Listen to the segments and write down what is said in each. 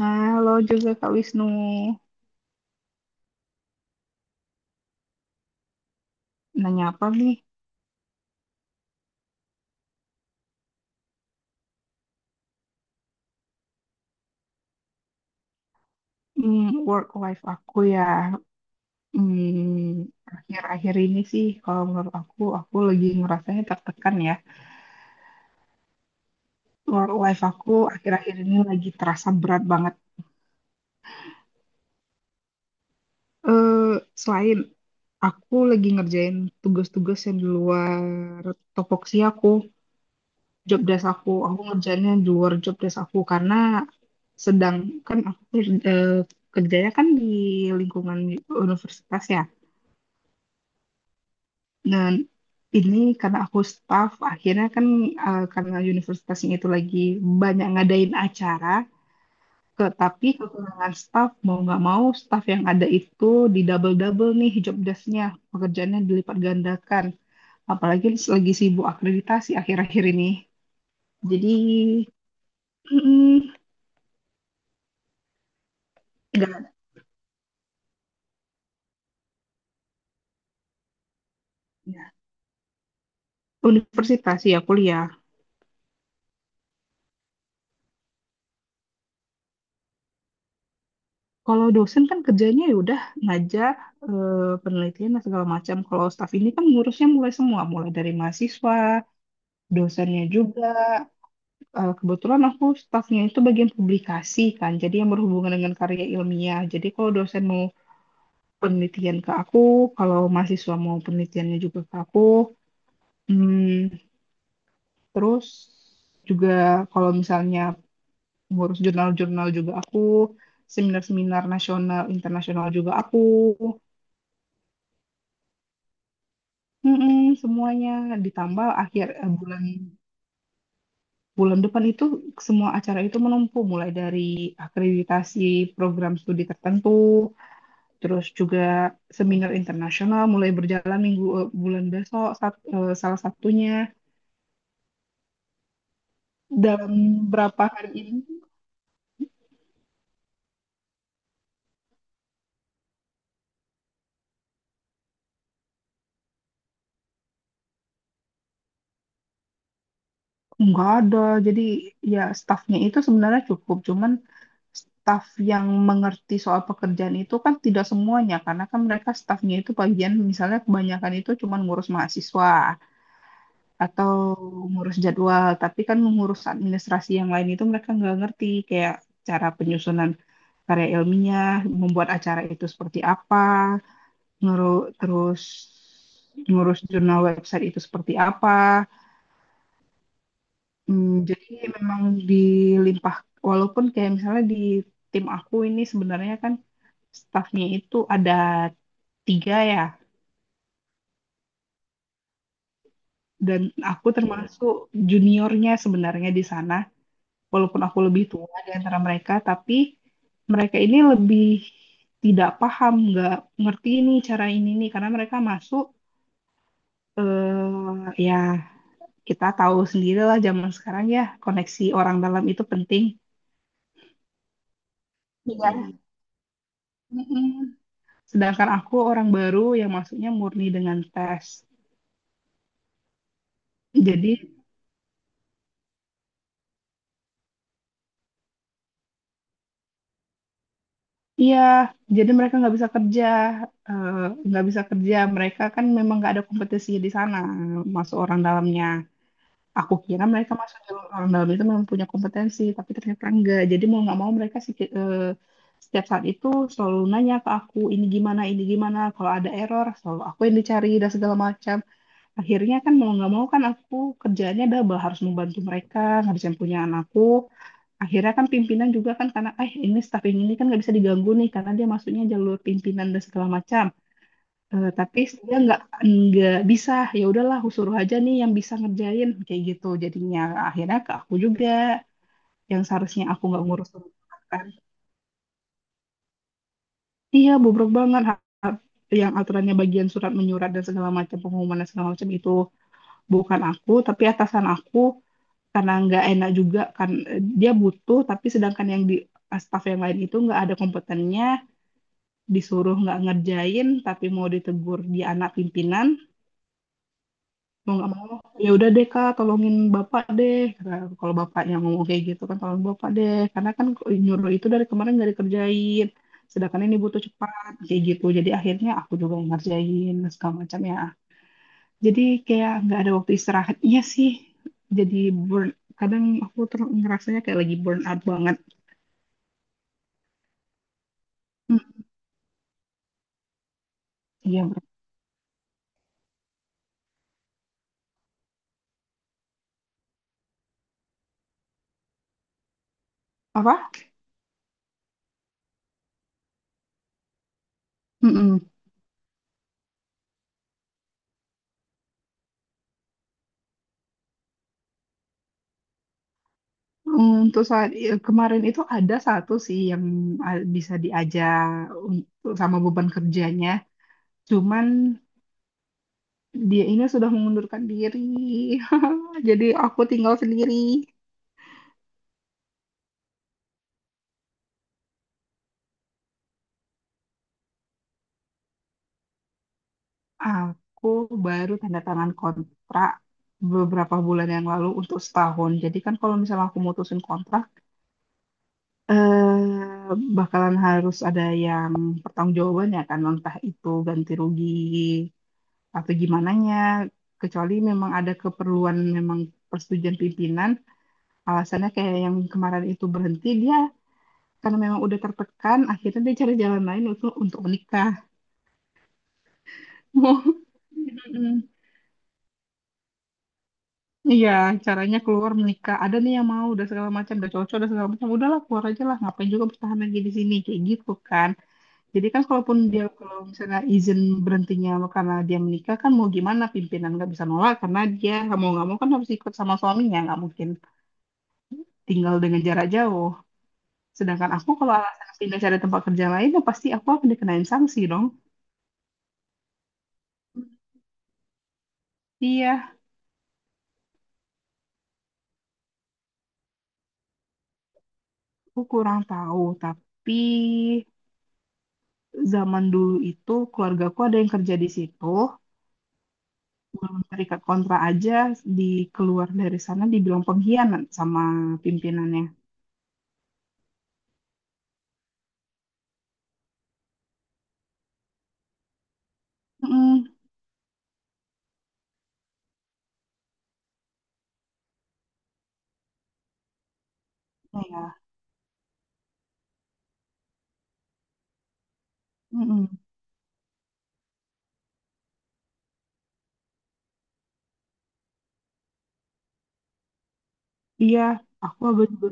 Halo juga Kak Wisnu. Nanya apa nih? Hmm, Work life aku ya. Hmm, Akhir-akhir ini sih kalau menurut aku lagi ngerasanya tertekan ya. Work life aku akhir-akhir ini lagi terasa berat banget. Eh, Selain aku lagi ngerjain tugas-tugas yang di luar topoksi aku, job desk aku. Aku ngerjainnya di luar job desk aku karena sedang kan aku eh, kerjanya kan di lingkungan universitas ya. Dan ini karena aku staff, akhirnya kan karena universitasnya itu lagi banyak ngadain acara, tapi kekurangan staff mau nggak mau staff yang ada itu di double-double nih job desk-nya, pekerjaannya dilipat gandakan. Apalagi lagi sibuk akreditasi akhir-akhir ini. Jadi, mm, nggak ya, universitas ya kuliah. Kalau dosen kan kerjanya ya udah ngajar eh, penelitian dan segala macam. Kalau staff ini kan ngurusnya mulai semua, mulai dari mahasiswa, dosennya juga. Kebetulan aku staffnya itu bagian publikasi kan, jadi yang berhubungan dengan karya ilmiah. Jadi kalau dosen mau penelitian ke aku, kalau mahasiswa mau penelitiannya juga ke aku, Hmm, terus juga kalau misalnya ngurus jurnal-jurnal juga aku, seminar-seminar nasional, internasional juga aku. Mm-mm, semuanya ditambah akhir bulan bulan depan itu semua acara itu menumpuk mulai dari akreditasi program studi tertentu, terus juga seminar internasional mulai berjalan minggu bulan besok salah satunya dalam berapa hari ini nggak ada. Jadi ya stafnya itu sebenarnya cukup, cuman staf yang mengerti soal pekerjaan itu kan tidak semuanya karena kan mereka stafnya itu bagian misalnya kebanyakan itu cuman ngurus mahasiswa. Atau ngurus jadwal tapi kan ngurus administrasi yang lain itu mereka nggak ngerti kayak cara penyusunan karya ilmiah, membuat acara itu seperti apa, ngurus terus ngurus jurnal website itu seperti apa. Jadi memang dilimpah walaupun kayak misalnya di tim aku ini sebenarnya kan stafnya itu ada tiga ya, dan aku termasuk juniornya sebenarnya di sana, walaupun aku lebih tua di antara mereka, tapi mereka ini lebih tidak paham, nggak ngerti nih cara ini nih, karena mereka masuk ya kita tahu sendirilah zaman sekarang ya koneksi orang dalam itu penting. Iya. Mm-mm. Sedangkan aku orang baru yang masuknya murni dengan tes. Jadi iya, jadi mereka nggak bisa kerja, eh, nggak bisa kerja. Mereka kan memang nggak ada kompetisi di sana, masuk orang dalamnya. Aku kira mereka masuk jalur orang dalam itu memang punya kompetensi, tapi ternyata enggak. Jadi mau nggak mau mereka sih setiap saat itu selalu nanya ke aku, ini gimana, ini gimana. Kalau ada error, selalu aku yang dicari dan segala macam. Akhirnya kan mau nggak mau kan aku kerjaannya double, harus membantu mereka ngabisin punya anakku. Akhirnya kan pimpinan juga kan karena ini staff yang ini kan nggak bisa diganggu nih karena dia masuknya jalur pimpinan dan segala macam. Tapi dia nggak bisa, ya udahlah aku suruh aja nih yang bisa ngerjain kayak gitu, jadinya akhirnya ke aku juga yang seharusnya aku nggak ngurus surat kan, iya bobrok banget. Yang aturannya bagian surat menyurat dan segala macam pengumuman dan segala macam itu bukan aku tapi atasan aku, karena nggak enak juga kan, dia butuh tapi sedangkan yang di staf yang lain itu nggak ada kompetennya, disuruh nggak ngerjain tapi mau ditegur di anak pimpinan, mau nggak mau ya udah deh, "Kak, tolongin bapak deh," kata aku, kalau bapaknya ngomong kayak gitu kan, tolong bapak deh, karena kan nyuruh itu dari kemarin nggak dikerjain sedangkan ini butuh cepat kayak gitu, jadi akhirnya aku juga yang ngerjain segala macam ya, jadi kayak nggak ada waktu istirahat, iya sih, jadi burn kadang aku ter ngerasanya kayak lagi burn out banget. Hmm, iya apa. Mm-mm. Untuk saat kemarin itu ada satu sih yang bisa diajak untuk sama beban kerjanya. Cuman dia ini sudah mengundurkan diri. Jadi aku tinggal sendiri. Aku baru tanda tangan kontrak beberapa bulan yang lalu untuk setahun. Jadi kan kalau misalnya aku mutusin kontrak, eh, bakalan harus ada yang pertanggungjawaban ya kan, entah itu ganti rugi atau gimana nya. Kecuali memang ada keperluan, memang persetujuan pimpinan. Alasannya kayak yang kemarin itu berhenti dia karena memang udah tertekan, akhirnya dia cari jalan lain untuk menikah. Mm-mm. Iya, caranya keluar menikah. Ada nih yang mau, udah segala macam, udah cocok, udah segala macam. Udahlah, keluar aja lah. Ngapain juga bertahan lagi di sini, kayak gitu kan. Jadi kan kalaupun dia kalau misalnya izin berhentinya karena dia menikah kan, mau gimana pimpinan nggak bisa nolak karena dia nggak mau kan harus ikut sama suaminya, nggak mungkin tinggal dengan jarak jauh. Sedangkan aku kalau alasan pindah cari tempat kerja lain ya pasti aku akan dikenain sanksi dong. Iya. Aku kurang tahu, tapi zaman dulu itu keluargaku ada yang kerja di situ, belum terikat kontrak aja di keluar dari sana dibilang pengkhianat sama pimpinannya. Mm-mm. Nah, ya. Mm-mm. Iya, aku agak juga,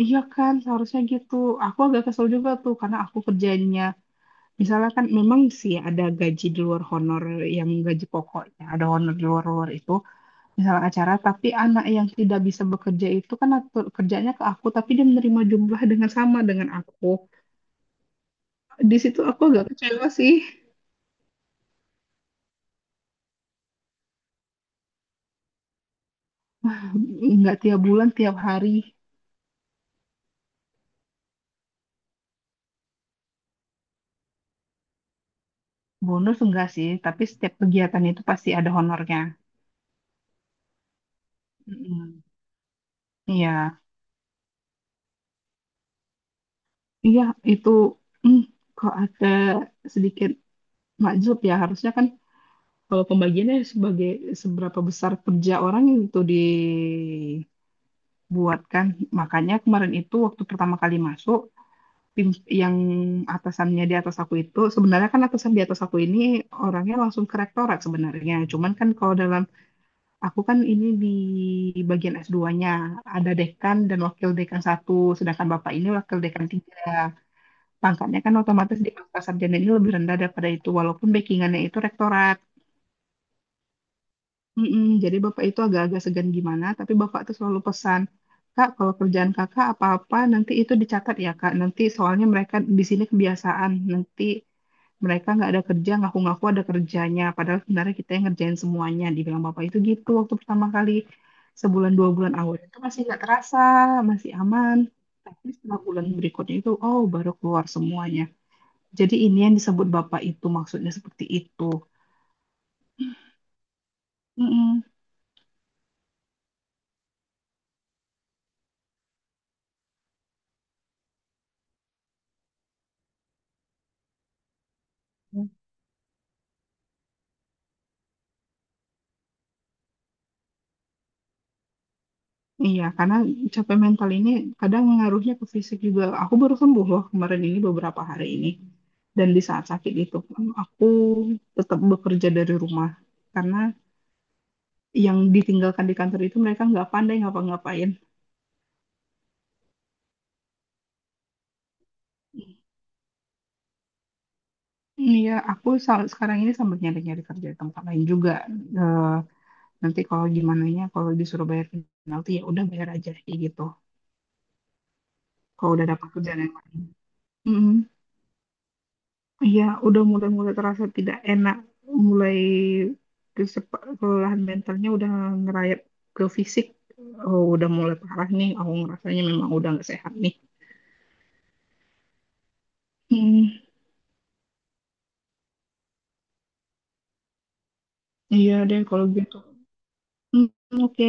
iya kan seharusnya gitu. Aku agak kesel juga tuh karena aku kerjanya, misalnya kan memang sih ada gaji di luar honor yang gaji pokoknya, ada honor di luar-luar itu. Misal acara, tapi anak yang tidak bisa bekerja itu kan kerjanya ke aku, tapi dia menerima jumlah dengan sama dengan aku. Di situ aku agak kecewa sih. Nggak tiap bulan, tiap hari. Bonus enggak sih, tapi setiap kegiatan itu pasti ada honornya. Mm-mm. Iya, iya itu, mm, kok ada sedikit makjub ya. Harusnya kan kalau pembagiannya sebagai seberapa besar kerja orang itu dibuatkan. Makanya kemarin itu waktu pertama kali masuk, tim yang atasannya di atas aku itu sebenarnya kan atasan di atas aku ini orangnya langsung ke rektorat sebenarnya. Cuman kan kalau dalam aku kan ini di bagian s dua nya ada dekan dan wakil dekan satu, sedangkan bapak ini wakil dekan tiga. Pangkatnya kan otomatis di pangkat sarjana ini lebih rendah daripada itu walaupun backingannya itu rektorat. Mm-mm, jadi bapak itu agak-agak segan gimana, tapi bapak tuh selalu pesan, "Kak, kalau kerjaan kakak apa-apa nanti itu dicatat ya Kak. Nanti soalnya mereka di sini kebiasaan, nanti mereka nggak ada kerja, ngaku-ngaku ada kerjanya. Padahal sebenarnya kita yang ngerjain semuanya," dibilang bapak itu gitu waktu pertama kali. Sebulan dua bulan awal itu masih nggak terasa, masih aman. Tapi setelah bulan berikutnya itu, oh baru keluar semuanya. Jadi ini yang disebut bapak itu maksudnya seperti itu. Mm-mm. Iya, karena capek mental ini kadang ngaruhnya ke fisik juga. Aku baru sembuh loh kemarin ini beberapa hari ini. Dan di saat sakit itu, pun aku tetap bekerja dari rumah. Karena yang ditinggalkan di kantor itu mereka nggak pandai ngapa-ngapain. Iya, aku sekarang ini sambil nyari-nyari kerja di tempat lain juga. Eh, Nanti kalau gimana nya, kalau disuruh bayar penalti ya udah bayar aja kayak gitu. Kalau udah dapat kerjaan yang lain. Mm-mm. Iya, udah mulai-mulai terasa tidak enak, mulai kelelahan mentalnya udah ngerayap ke fisik. Oh, udah mulai parah nih. Aku ngerasanya memang udah nggak sehat nih. Hmm, iya deh kalau gitu. Hmm, oke.